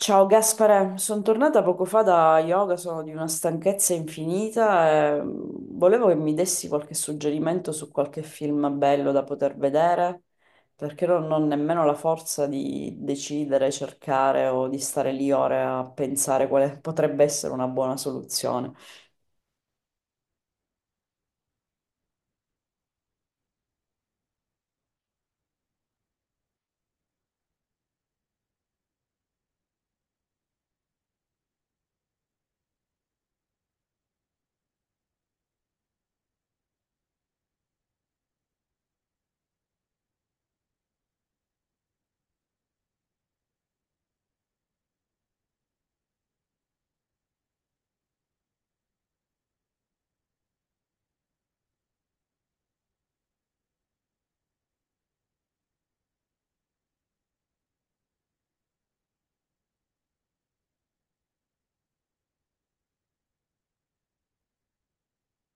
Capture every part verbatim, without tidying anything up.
Ciao Gaspare, sono tornata poco fa da yoga, sono di una stanchezza infinita e mm, volevo che mi dessi qualche suggerimento su qualche film bello da poter vedere, perché non ho nemmeno la forza di decidere, cercare o di stare lì ore a pensare quale potrebbe essere una buona soluzione.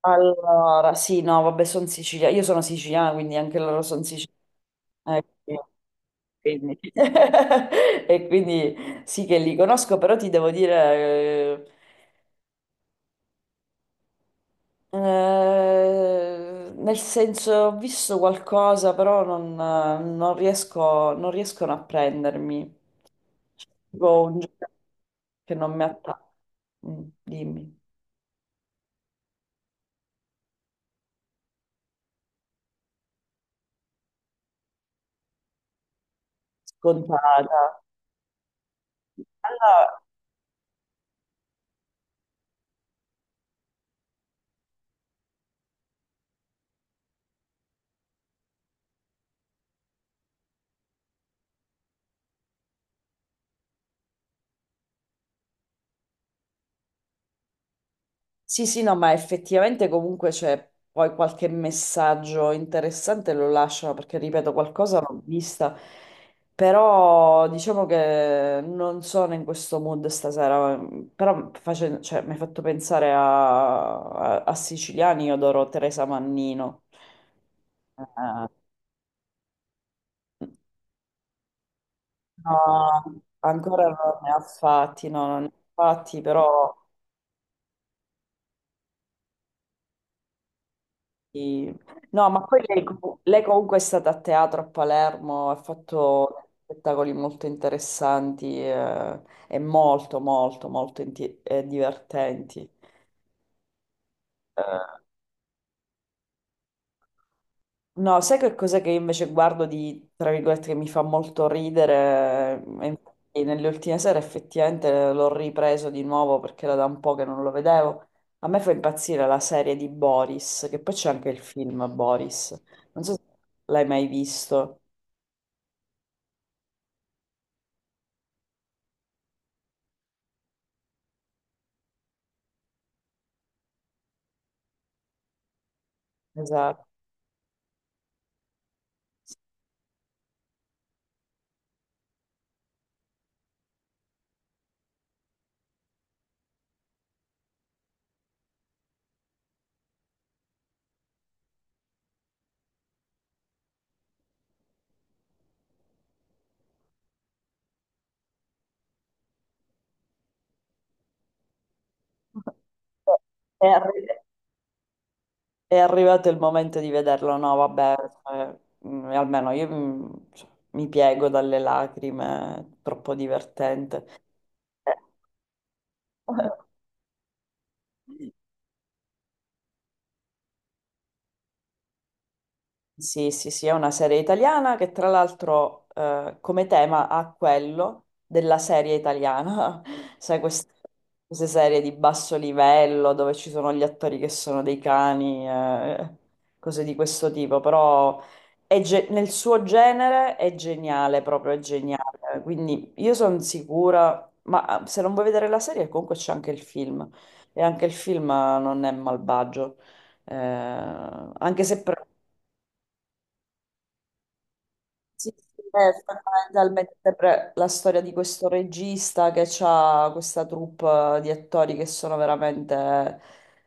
Allora, sì, no, vabbè, sono siciliana, io sono siciliana, quindi anche loro sono siciliani. E quindi sì che li conosco, però ti devo dire... eh, Eh, nel senso, ho visto qualcosa, però non, non riesco, non riescono a prendermi. Tipo un gioco che non mi attacca. Mm, Dimmi. Scontata. Allora, sì, sì, no, ma effettivamente comunque c'è poi qualche messaggio interessante lo lasciano perché, ripeto, qualcosa l'ho vista, però diciamo che non sono in questo mood stasera, però face- cioè, mi hai fatto pensare a, a- a Siciliani, io adoro Teresa Mannino. Eh, no, ancora non ne ha fatti, no, non ne ha fatti, però... Sì. No, ma poi lei, lei comunque è stata a teatro a Palermo, ha fatto spettacoli molto interessanti eh, e molto, molto, molto inti- eh, divertenti. No, sai che cosa che io invece guardo di, tra virgolette, che mi fa molto ridere? E infatti nelle ultime sere effettivamente l'ho ripreso di nuovo perché era da un po' che non lo vedevo. A me fa impazzire la serie di Boris, che poi c'è anche il film Boris. Non so se l'hai mai visto. Esatto. È arri- è arrivato il momento di vederlo, no, vabbè, cioè, mm, almeno io mm, cioè, mi piego dalle lacrime, è troppo divertente. Eh. Sì, sì, sì, è una serie italiana che tra l'altro eh, come tema ha quello della serie italiana, sai, quest- queste, serie di basso livello dove ci sono gli attori che sono dei cani, eh, cose di questo tipo, però è ge- nel suo genere è geniale, proprio è geniale, quindi io sono sicura, ma eh, se non vuoi vedere la serie comunque c'è anche il film e anche il film eh, non è malvagio. Eh, Anche se pre- Sì, sì, è fondamentalmente pre- la storia di questo regista che ha questa troupe di attori che sono veramente,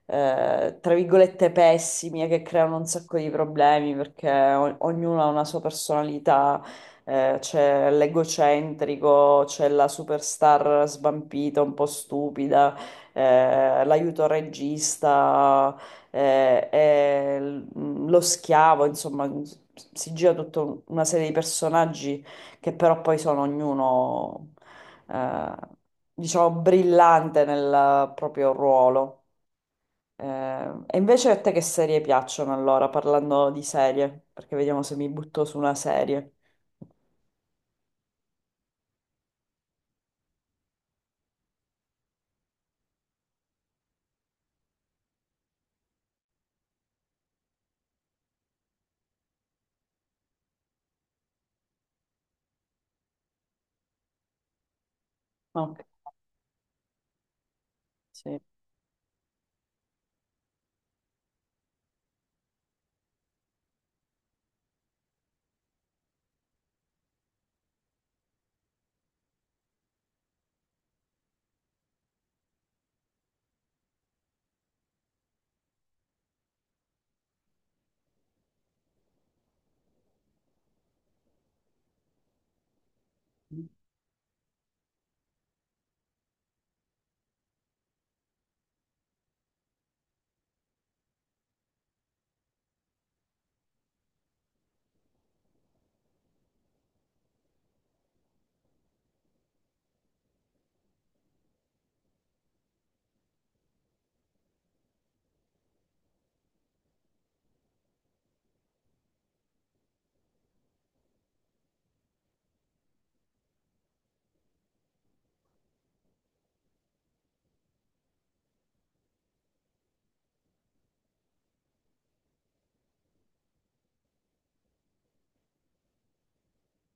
eh, tra virgolette, pessimi e che creano un sacco di problemi perché o- ognuno ha una sua personalità, eh, c'è l'egocentrico, c'è la superstar svampita, un po' stupida, eh, l'aiuto regista eh, eh, l- mm, lo schiavo, insomma, mm, s- si gira tutta un- una serie di personaggi che però poi sono ognuno, eh, diciamo, brillante nel proprio ruolo. Eh, e invece a te che serie piacciono allora, parlando di serie? Perché vediamo se mi butto su una serie. Ok, sì.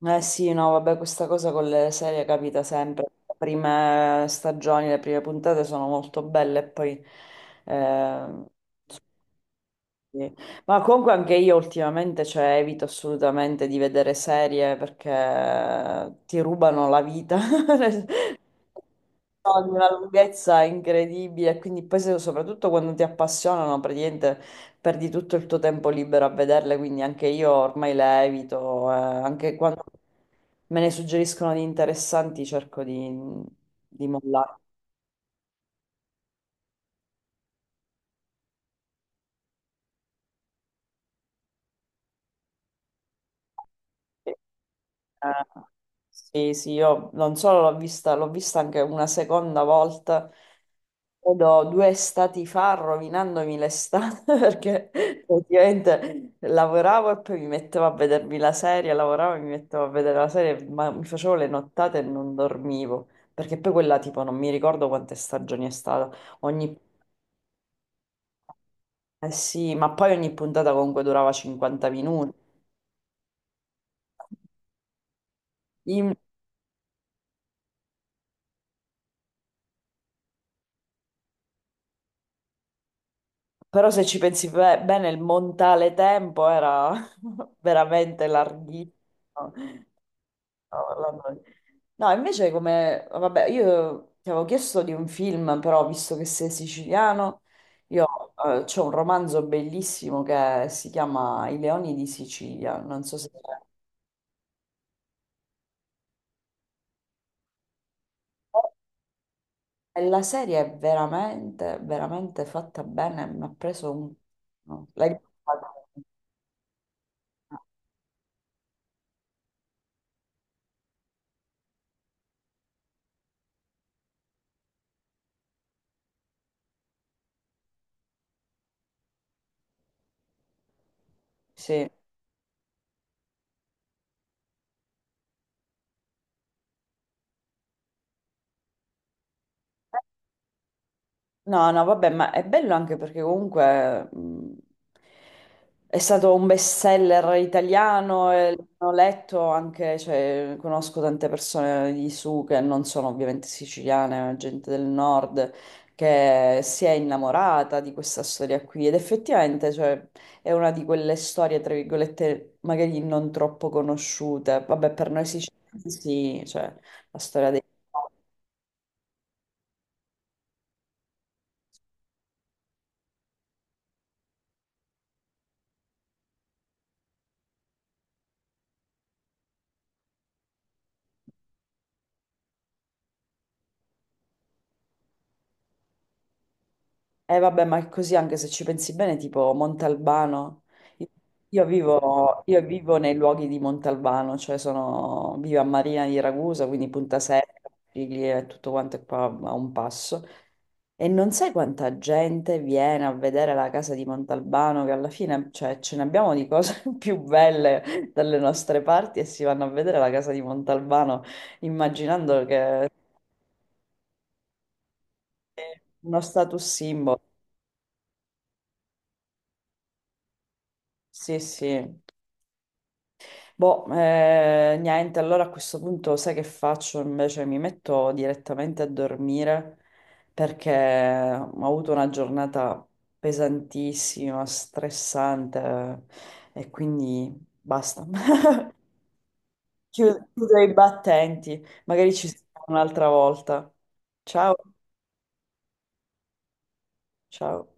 Eh sì, no, vabbè, questa cosa con le serie capita sempre. Le prime stagioni, le prime puntate sono molto belle e poi... eh, sì. Ma comunque anche io ultimamente, cioè, evito assolutamente di vedere serie perché ti rubano la vita. No, di una lunghezza incredibile, quindi poi se- soprattutto quando ti appassionano, praticamente perdi tutto il tuo tempo libero a vederle, quindi anche io ormai le evito, eh, anche quando me ne suggeriscono di interessanti cerco di, di mollare. Eh, sì, sì, io non solo l'ho vista, l'ho vista anche una seconda volta, credo due estati fa, rovinandomi l'estate, perché praticamente lavoravo e poi mi mettevo a vedermi la serie, lavoravo e mi mettevo a vedere la serie, ma mi facevo le nottate e non dormivo, perché poi quella tipo non mi ricordo quante stagioni è stata, ogni, eh sì, ma poi ogni puntata comunque durava cinquanta minuti. Però se ci pensi be- bene, il montale tempo era veramente larghissimo. No, Orlando- no, No, invece come... Vabbè, io ti avevo chiesto di un film, però visto che sei siciliano, io eh, c'ho un romanzo bellissimo che si chiama I Leoni di Sicilia. Non so se... E la serie è veramente, veramente fatta bene. Mi ha preso un... no, l'hai guardata? Sì. No, no, vabbè, ma è bello anche perché comunque mh, è stato un best seller italiano e l'ho letto anche, cioè, conosco tante persone di su che non sono ovviamente siciliane, ma gente del nord che si è innamorata di questa storia qui ed effettivamente, cioè, è una di quelle storie, tra virgolette, magari non troppo conosciute. Vabbè, per noi siciliani sì, cioè, la storia dei... Eh vabbè, ma è così anche se ci pensi bene, tipo Montalbano. Io io vivo, io vivo nei luoghi di Montalbano, cioè sono, vivo a Marina di Ragusa, quindi Punta Secca, Piglia e tutto quanto è qua a un passo. E non sai quanta gente viene a vedere la casa di Montalbano, che alla fine, cioè, ce ne abbiamo di cose più belle dalle nostre parti e si vanno a vedere la casa di Montalbano immaginando che è uno status symbol. Sì, sì. Boh, eh, niente, allora a questo punto sai che faccio? Invece mi metto direttamente a dormire perché ho avuto una giornata pesantissima, stressante e quindi basta. Chiudo, chiudo i battenti, magari ci sentiamo un'altra volta. Ciao, ciao.